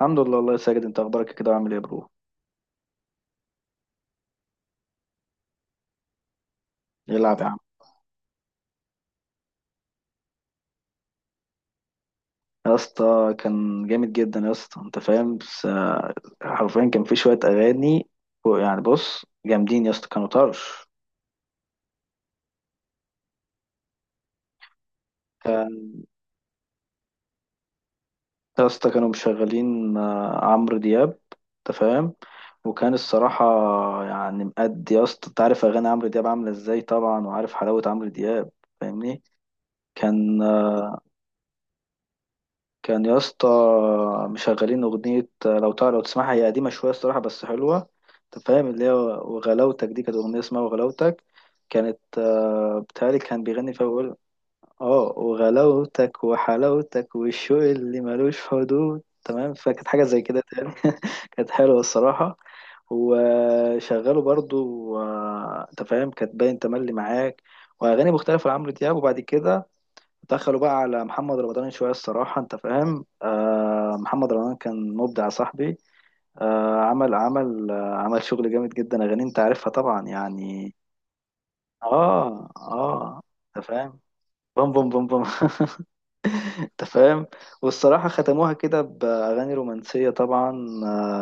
الحمد لله والله يا ساجد، انت اخبارك كده؟ عامل ايه يا برو؟ يلعب يا عم. يا اسطى كان جامد جدا يا اسطى انت فاهم. بس حرفيا كان في شويه اغاني يعني بص جامدين يا اسطى كانوا طرش. كان يا اسطى كانوا مشغلين عمرو دياب انت فاهم. وكان الصراحه يعني مأدي، يا اسطى انت عارف اغاني عمرو دياب عامله ازاي طبعا، وعارف حلاوه عمرو دياب، فاهمني؟ كان كان يا اسطى مشغلين أغنية، لو تعرف لو تسمعها، هي قديمة شوية الصراحة بس حلوة. أنت فاهم اللي هي وغلاوتك دي، كانت أغنية اسمها وغلاوتك. كانت بتهيألي كان بيغني فيها بيقول اه وغلاوتك وحلاوتك والشوق اللي ملوش حدود، تمام. فكانت حاجة زي كده تاني كانت حلوة الصراحة. وشغلوا برضو أنت فاهم كانت باين تملي معاك، وأغاني مختلفة لعمرو دياب. وبعد كده دخلوا بقى على محمد رمضان شوية الصراحة. أنت فاهم محمد رمضان كان مبدع يا صاحبي. عمل عمل شغل جامد جدا، أغاني أنت عارفها طبعا يعني. آه، آه، أنت فاهم. بوم بوم بوم بوم أنت فاهم. والصراحة ختموها كده بأغاني رومانسية طبعا. آه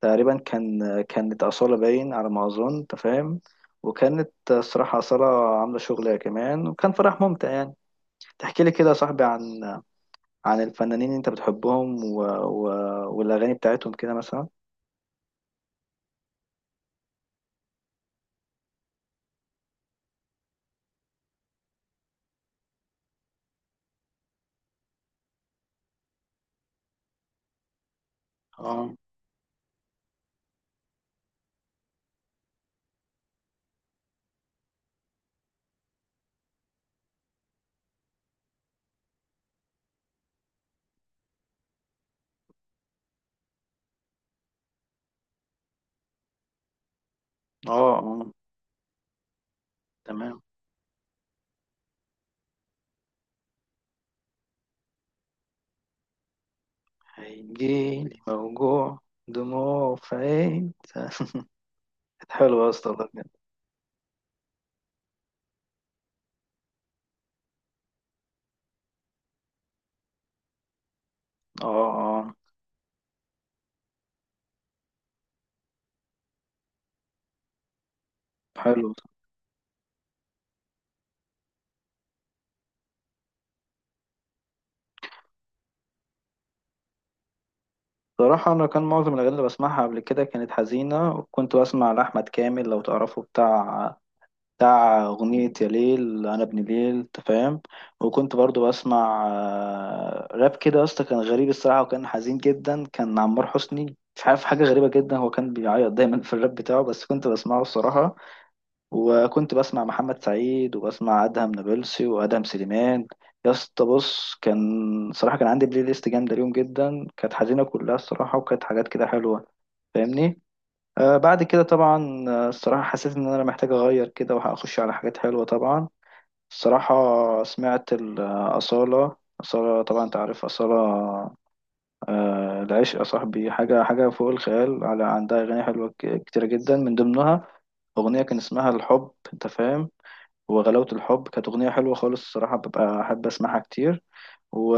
تقريبا كانت أصالة باين على ما أظن أنت فاهم. وكانت الصراحة أصالة عاملة شغلها كمان، وكان فرح ممتع يعني. تحكي لي كده يا صاحبي عن الفنانين اللي انت بتحبهم والاغاني بتاعتهم كده مثلا. اه، اه، اه، تمام. هيجيلي موجوع دموع في عين كانت حلوة يا اسطى والله بجد. اه، اه، حلو. صراحة أنا كان معظم الأغاني اللي بسمعها قبل كده كانت حزينة، وكنت بسمع لأحمد كامل لو تعرفه، بتاع أغنية يا ليل أنا ابن ليل أنت فاهم. وكنت برضو بسمع راب كده يا اسطى، كان غريب الصراحة وكان حزين جدا. كان عمار حسني، مش عارف، حاجة غريبة جدا، هو كان بيعيط دايما في الراب بتاعه بس كنت بسمعه الصراحة. وكنت بسمع محمد سعيد، وبسمع أدهم نابلسي وأدهم سليمان. يا اسطى بص. صراحة كان عندي بلاي ليست جامدة اليوم جدا، كانت حزينة كلها الصراحة، وكانت حاجات كده حلوة، فاهمني؟ بعد كده طبعا الصراحة حسيت إن أنا محتاج أغير كده، وهأخش على حاجات حلوة طبعا الصراحة. سمعت أصالة، طبعا أنت عارف أصالة. العشق يا صاحبي حاجة فوق الخيال، على عندها أغاني حلوة كتيرة جدا، من ضمنها أغنية كان اسمها الحب أنت فاهم. وغلاوة الحب كانت أغنية حلوة خالص الصراحة، ببقى أحب أسمعها كتير. و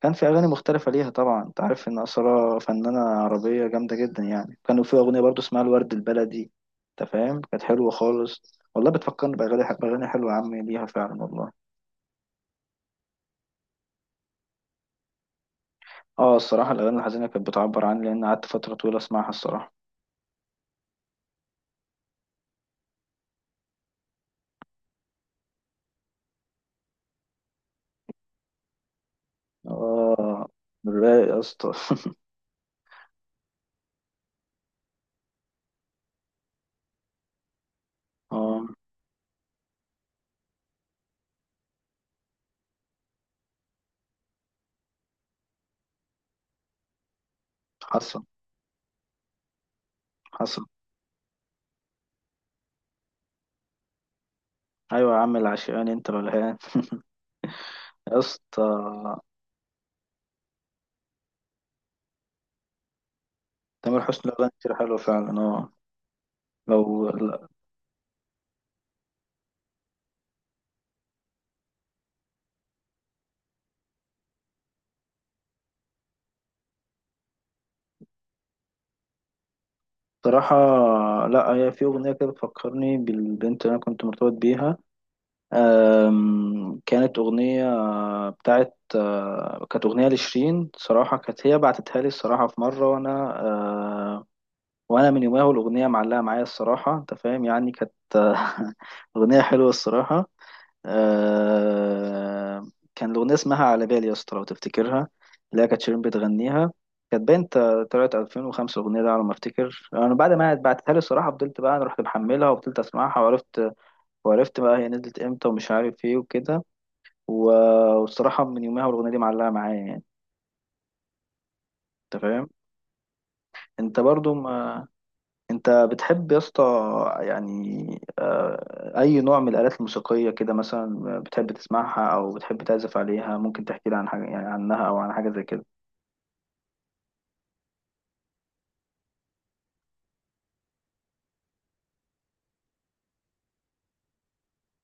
كان في أغاني مختلفة ليها طبعا، أنت عارف إن أصالة فنانة عربية جامدة جدا يعني. كانوا في أغنية برضو اسمها الورد البلدي أنت فاهم، كانت حلوة خالص. والله بتفكرني بأغاني حلوة يا عمي ليها فعلا والله. آه، الصراحة الأغاني الحزينة كانت بتعبر عني، لأن قعدت فترة طويلة أسمعها الصراحة. آه، رايق يا اسطى آه. حصل. حصل. أيوة يا عم العشقاني أنت الولهان يا اسطى تامر حسني له أغاني كتير حلوة فعلا. آه. لو صراحة، لا، هي في أغنية كده بتفكرني بالبنت اللي أنا كنت مرتبط بيها. كانت أغنية بتاعت أه، كانت أغنية لشيرين صراحة، كانت هي بعتتها لي الصراحة في مرة أه، وأنا من يومها والأغنية معلقة معايا الصراحة أنت فاهم يعني. كانت أغنية حلوة الصراحة. آه. كان الأغنية اسمها على بالي يا اسطى لو تفتكرها، اللي هي كانت شيرين بتغنيها. كانت طلعت 2005 الأغنية دي على ما أفتكر. أنا بعد ما بعتها لي الصراحة فضلت بقى، أنا رحت محملها وفضلت أسمعها، وعرفت بقى هي نزلت إمتى ومش عارف إيه وكده. و- والصراحة من يومها والأغنية دي معلقة معايا يعني أنت فاهم. أنت برضو ما انت بتحب يا اسطى يعني اي نوع من الالات الموسيقيه كده مثلا بتحب تسمعها او بتحب تعزف عليها؟ ممكن تحكي لي عن حاجه يعني عنها او عن حاجه زي كده؟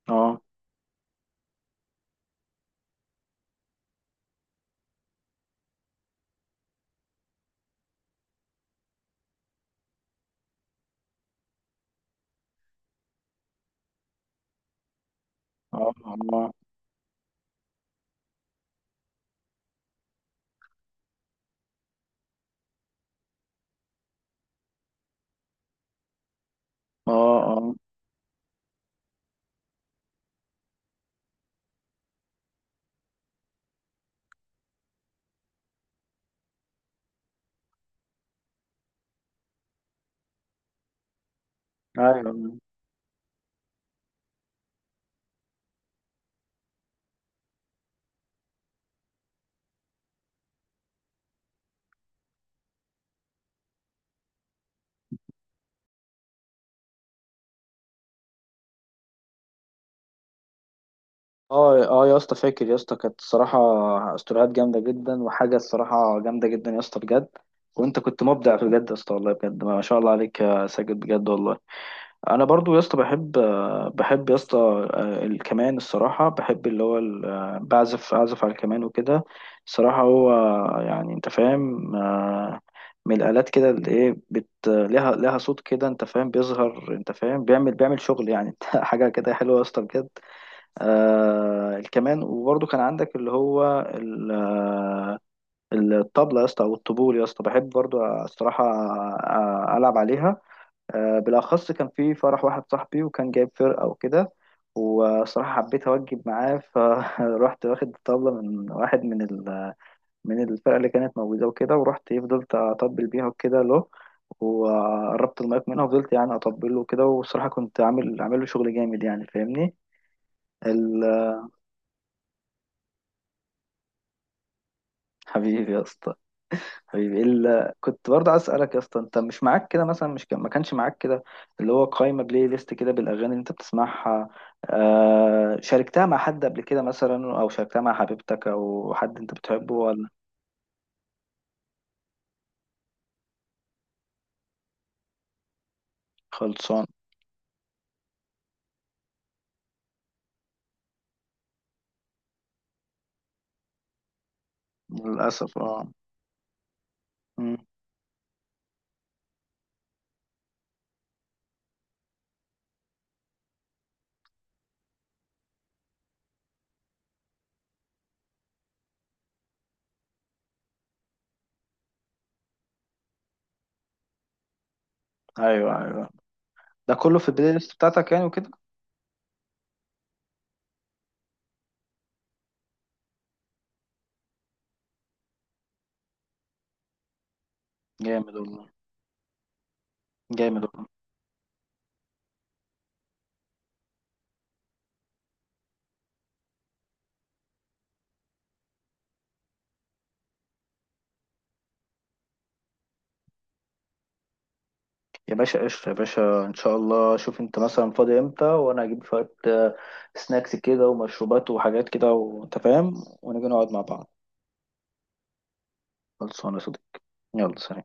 اه. اه. اه. اه. اه. ايوه. اه. اه يا اسطى، فاكر يا اسطى كانت الصراحه استوديوهات جامده جدا وحاجه الصراحه جامده جدا يا اسطى بجد. وانت كنت مبدع بجد يا اسطى والله بجد ما شاء الله عليك يا ساجد بجد والله. انا برضو يا اسطى، بحب يا اسطى الكمان الصراحه. بحب اللي هو اعزف على الكمان وكده. الصراحه هو يعني انت فاهم من الالات كده اللي ايه لها صوت كده انت فاهم بيظهر انت فاهم بيعمل شغل يعني حاجه كده حلوه يا اسطى بجد. الكمان. وبرضو كان عندك اللي هو الطبله يا اسطى او الطبول يا اسطى، بحب برضو الصراحه العب عليها. بالأخص كان في فرح واحد صاحبي وكان جايب فرقة وكده، وصراحة حبيت أوجب معاه فروحت واخد طبلة من واحد من الفرقة اللي كانت موجودة وكده، ورحت إيه، فضلت أطبل بيها وكده له. وقربت المايك منها وفضلت يعني أطبله وكده، والصراحة كنت عامل له شغل جامد يعني فاهمني ال- حبيبي يا اسطى. حبيبي كنت برضه عايز اسالك يا اسطى، انت مش معاك كده مثلا، مش كان... ما كانش معاك كده اللي هو قائمه بلاي ليست كده بالاغاني اللي انت بتسمعها؟ شاركتها مع حد قبل كده مثلا، او شاركتها مع حبيبتك او حد انت بتحبه ولا؟ خلصان. للاسف اه. مم. ايوه، ايوه، ده كله في البلاي ليست بتاعتك يعني وكده. جامد والله. جامد والله. يا باشا قشطة يا باشا، ان شاء الله. شوف انت مثلا فاضي امتى، وانا اجيب شوية سناكس كده ومشروبات وحاجات كده وانت فاهم. ونيجي نقعد مع بعض. خلصانة يا صديقي. يلا سلام.